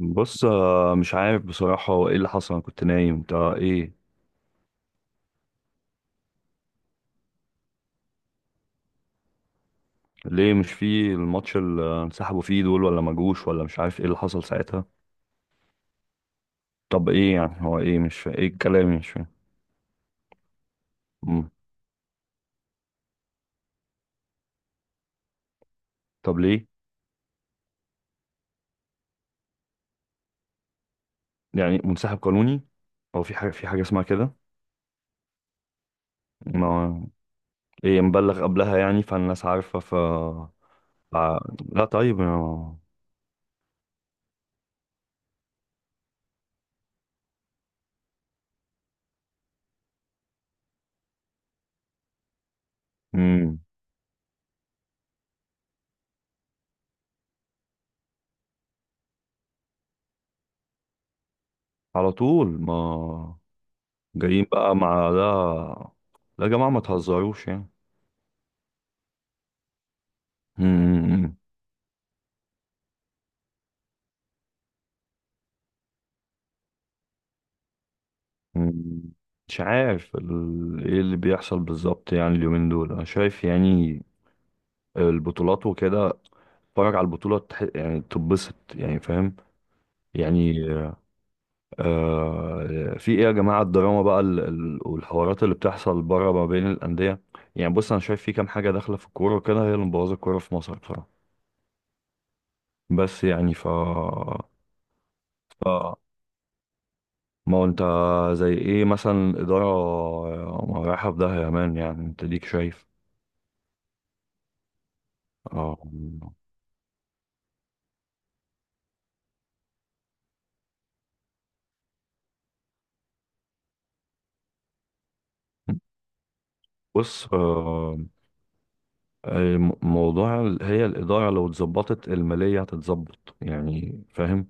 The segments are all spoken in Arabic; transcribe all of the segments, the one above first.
بص، مش عارف بصراحة، هو ايه اللي حصل؟ انا كنت نايم. انت ايه ليه مش في الماتش اللي انسحبوا فيه دول، ولا ما جوش، ولا مش عارف ايه اللي حصل ساعتها؟ طب ايه يعني، هو ايه مش فا... ايه الكلام؟ مش فاهم. مم. طب ليه؟ يعني منسحب قانوني. هو في حاجة اسمها كده؟ ما ايه مبلغ قبلها يعني، فالناس عارفة. ف- لا طيب ما... مم. على طول. ما جايين بقى مع ده؟ لا يا جماعة، ما تهزروش يعني. مم، مش عارف ايه اللي بيحصل بالظبط، يعني اليومين دول انا شايف يعني البطولات وكده. اتفرج على البطولة يعني تتبسط، يعني فاهم؟ يعني، آه، في ايه يا جماعة؟ الدراما بقى والحوارات اللي بتحصل بره ما بين الأندية. يعني بص، انا شايف في كام حاجة داخلة في الكورة وكده، هي اللي مبوظة الكورة في مصر بصراحة. بس يعني ف ف ما هو انت، زي ايه مثلا؟ إدارة رايحة في داهية يا مان، يعني انت ليك شايف. اه، بص، موضوع هي الإدارة، لو اتظبطت المالية هتتظبط، يعني فاهم؟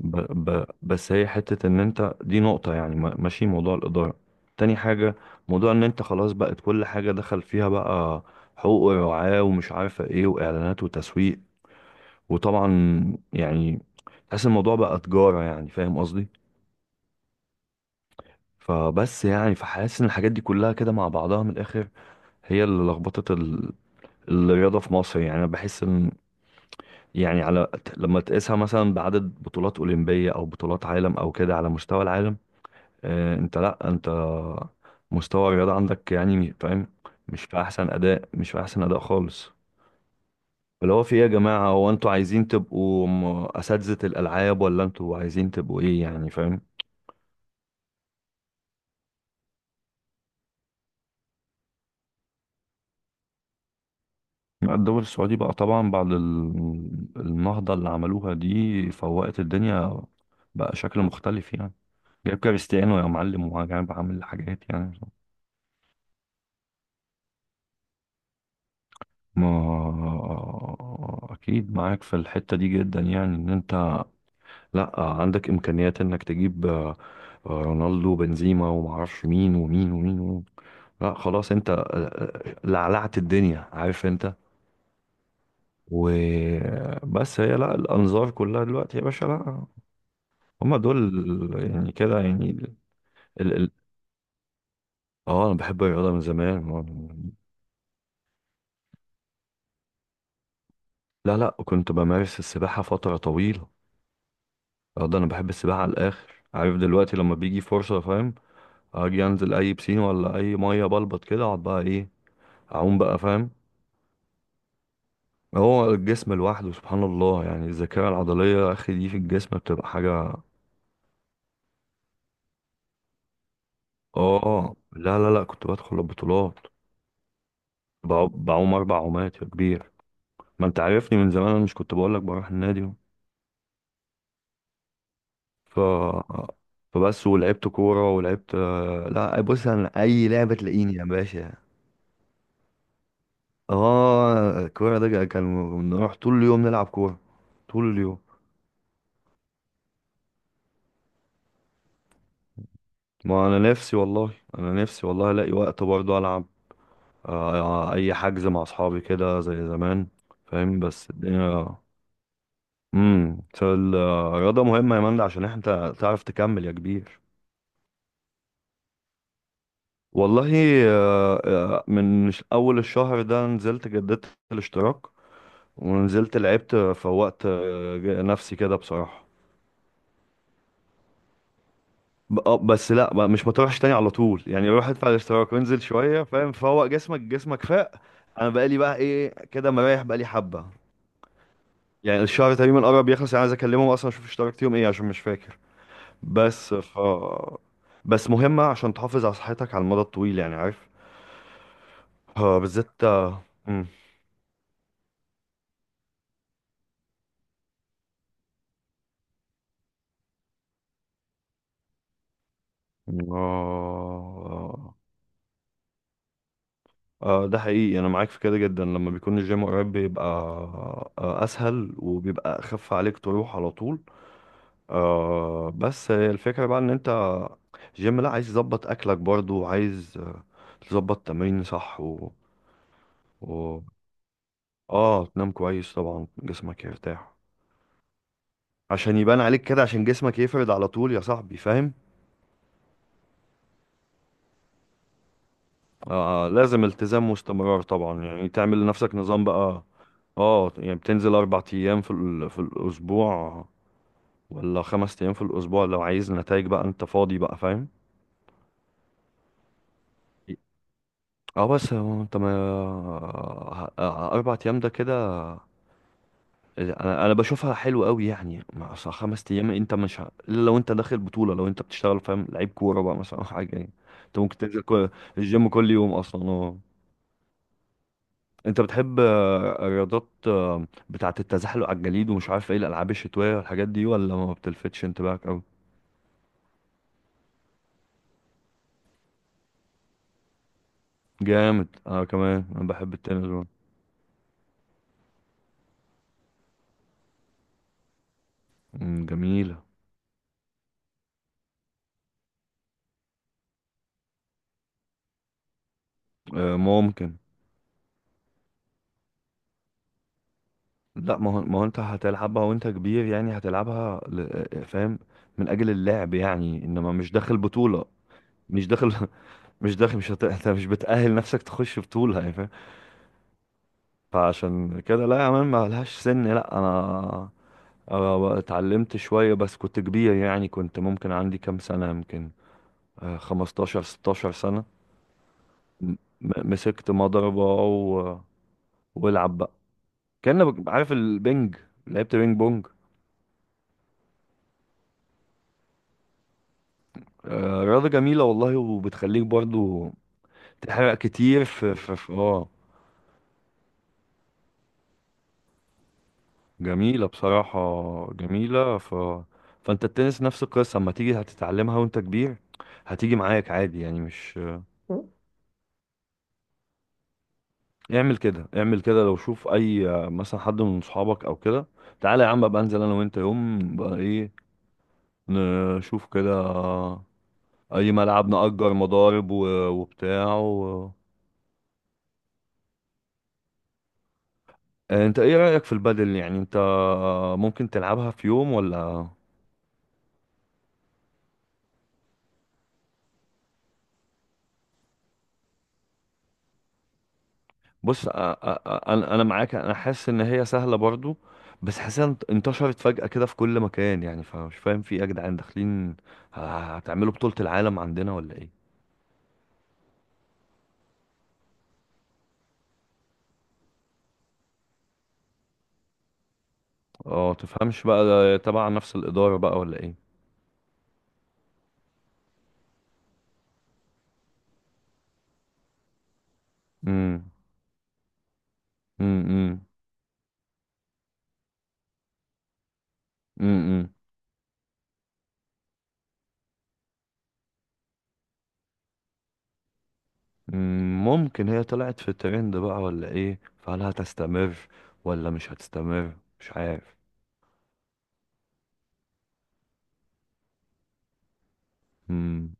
ب ب بس هي حتة إن أنت، دي نقطة يعني، ماشي، موضوع الإدارة. تاني حاجة، موضوع إن أنت خلاص بقت كل حاجة دخل فيها بقى، حقوق ورعاة ومش عارفة إيه وإعلانات وتسويق، وطبعا يعني تحس الموضوع بقى تجارة، يعني فاهم قصدي؟ فبس يعني، فحاسس إن الحاجات دي كلها كده مع بعضها من الآخر هي اللي لخبطت الرياضة في مصر. يعني أنا بحس إن، يعني، على، لما تقيسها مثلا بعدد بطولات أولمبية أو بطولات عالم أو كده على مستوى العالم، أنت، لأ، أنت مستوى الرياضة عندك، يعني فاهم؟ مش في أحسن أداء، مش في أحسن أداء خالص. اللي هو في إيه يا جماعة، هو أنتوا عايزين تبقوا أساتذة الألعاب، ولا أنتوا عايزين تبقوا إيه؟ يعني فاهم؟ لا، الدوري السعودي بقى طبعا بعد النهضة اللي عملوها دي، فوقت الدنيا، بقى شكل مختلف يعني. جايب كريستيانو يا معلم، وجايب، عامل حاجات يعني. ما اكيد معاك في الحتة دي جدا، يعني ان انت لا، عندك امكانيات انك تجيب، رونالدو، بنزيما، ومعرفش مين ومين ومين, ومين. لا خلاص انت، لعلعت الدنيا، عارف انت. وبس هي لا، الانظار كلها دلوقتي يا باشا، لا، هما دول. يعني كده يعني ال... ال- اه، انا بحب الرياضة من زمان. لا لا، كنت بمارس السباحة فترة طويلة. اه، ده انا بحب السباحه على الاخر، عارف؟ دلوقتي لما بيجي فرصه، فاهم؟ اجي انزل اي بسين ولا اي ميه، بلبط كده اقعد بقى ايه، اعوم بقى، فاهم؟ هو الجسم لوحده سبحان الله، يعني الذاكره العضليه يا اخي دي في الجسم بتبقى حاجه. اه، لا لا لا، كنت بدخل البطولات. بعوم اربع عومات يا كبير. ما انت عارفني من زمان، انا مش كنت بقول لك بروح النادي؟ ف فبس ولعبت كوره، ولعبت، لا بص، انا اي لعبه تلاقيني يا باشا. اه، الكورة ده كان بنروح طول اليوم نلعب كورة، طول اليوم. ما انا نفسي والله، انا نفسي والله الاقي وقت برضه العب. اي حجز مع اصحابي كده، زي زمان، فاهم؟ بس الدنيا. الرياضة مهمة يا مندي، عشان انت تعرف تكمل يا كبير. والله، من اول الشهر ده، نزلت، جددت الاشتراك، ونزلت لعبت، فوقت نفسي كده بصراحة. اه، بس لا، مش ما تروحش تاني على طول يعني. روح ادفع الاشتراك وانزل شويه، فاهم؟ فوق جسمك، جسمك فاق. انا بقالي بقى ايه كده، مريح بقالي حبه، يعني الشهر تقريبا قرب يخلص، يعني عايز اكلمهم اصلا، اشوف اشتركت يوم ايه، عشان مش فاكر. بس ف بس مهمه عشان تحافظ على صحتك على المدى الطويل يعني، عارف؟ اه بالذات اه. مم. اه، ده حقيقي، انا معاك في كده جدا. لما بيكون الجيم قريب بيبقى اسهل، وبيبقى اخف عليك تروح على طول. آه، بس هي الفكرة بقى ان انت جيم، لا عايز تظبط اكلك برضو، عايز تظبط تمرين صح و... و... اه، تنام كويس طبعا، جسمك يرتاح، عشان يبان عليك كده، عشان جسمك يفرد على طول يا صاحبي، فاهم؟ آه لازم التزام واستمرار طبعا، يعني تعمل لنفسك نظام بقى. اه، يعني بتنزل اربع ايام في في الاسبوع، ولا خمس ايام في الاسبوع؟ لو عايز نتائج بقى، انت فاضي بقى، فاهم؟ اه، بس هو انت ما ه- اربع ايام ده كده، انا انا بشوفها حلو قوي يعني، مع أصل خمس ايام انت مش الا لو انت داخل بطوله، لو انت بتشتغل فاهم لعيب كوره بقى مثلا، او حاجه يعني. انت ممكن تنزل الجيم كل يوم اصلا اه. انت بتحب الرياضات، بتاعه التزحلق على الجليد، ومش عارف ايه الالعاب الشتويه والحاجات دي، ولا ما بتلفتش انتباهك قوي؟ جامد، انا كمان انا بحب التنس برضه. جميله. ممكن. لا ما هو انت هتلعبها وانت كبير يعني، هتلعبها فاهم؟ من اجل اللعب يعني، انما مش داخل بطولة. مش داخل. مش داخل، مش هت... انت مش بتأهل نفسك تخش بطولة، يعني فاهم؟ فعشان كده لا يا مان، ما لهاش سن. لا أنا اتعلمت شوية بس كنت كبير، يعني كنت ممكن عندي كام سنة يمكن، 15 16 سنة. م- مسكت مضربة و... والعب بقى. كأنك عارف البنج، لعبت بينج بونج. آه، رياضة جميلة والله، وبتخليك برضو تحرق كتير اه، جميلة بصراحة، جميلة. فانت التنس نفس القصة، اما تيجي هتتعلمها وانت كبير، هتيجي معاك عادي يعني، مش، اعمل كده، اعمل كده لو شوف اي، مثلا حد من صحابك او كده، تعالى يا عم، ابقى انزل انا وانت يوم بقى ايه، نشوف كده، اي ملعب، نأجر مضارب وبتاع و... انت ايه رأيك في البادل؟ يعني انت ممكن تلعبها في يوم ولا؟ بص، انا، انا معاك، انا حاسس ان هي سهله برضو، بس حاسسها انتشرت فجاه كده في كل مكان، يعني فمش فاهم في ايه يا جدعان، داخلين هتعملوا بطوله العالم عندنا ولا ايه؟ اه تفهمش بقى، ده تبع نفس الاداره بقى ولا ايه؟ امم. امم. امم. ممكن هي طلعت في ترند بقى ولا ايه، فهل هتستمر ولا مش هتستمر؟ مش عارف. امم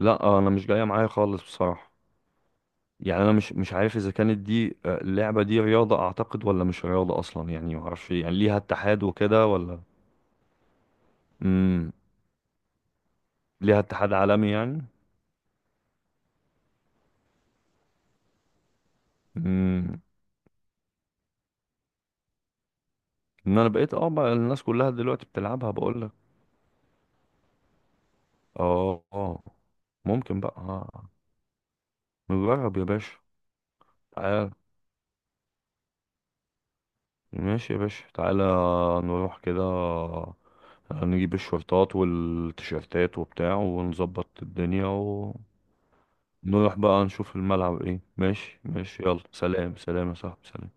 لا، انا مش جايه معايا خالص بصراحه، يعني انا مش، مش عارف اذا كانت دي اللعبه دي رياضه اعتقد، ولا مش رياضه اصلا، يعني ما اعرفش يعني ليها اتحاد وكده ولا؟ امم ليها اتحاد عالمي يعني؟ امم انا بقيت اه بقى، الناس كلها دلوقتي بتلعبها، بقول لك. اه اه. ممكن بقى، آه. نجرب يا باشا. تعال، ماشي يا باشا، تعالى، نروح كده، نجيب الشورتات والتيشيرتات وبتاع، ونظبط الدنيا، نروح بقى نشوف الملعب ايه. ماشي ماشي يلا، سلام سلام يا صاحبي، سلام.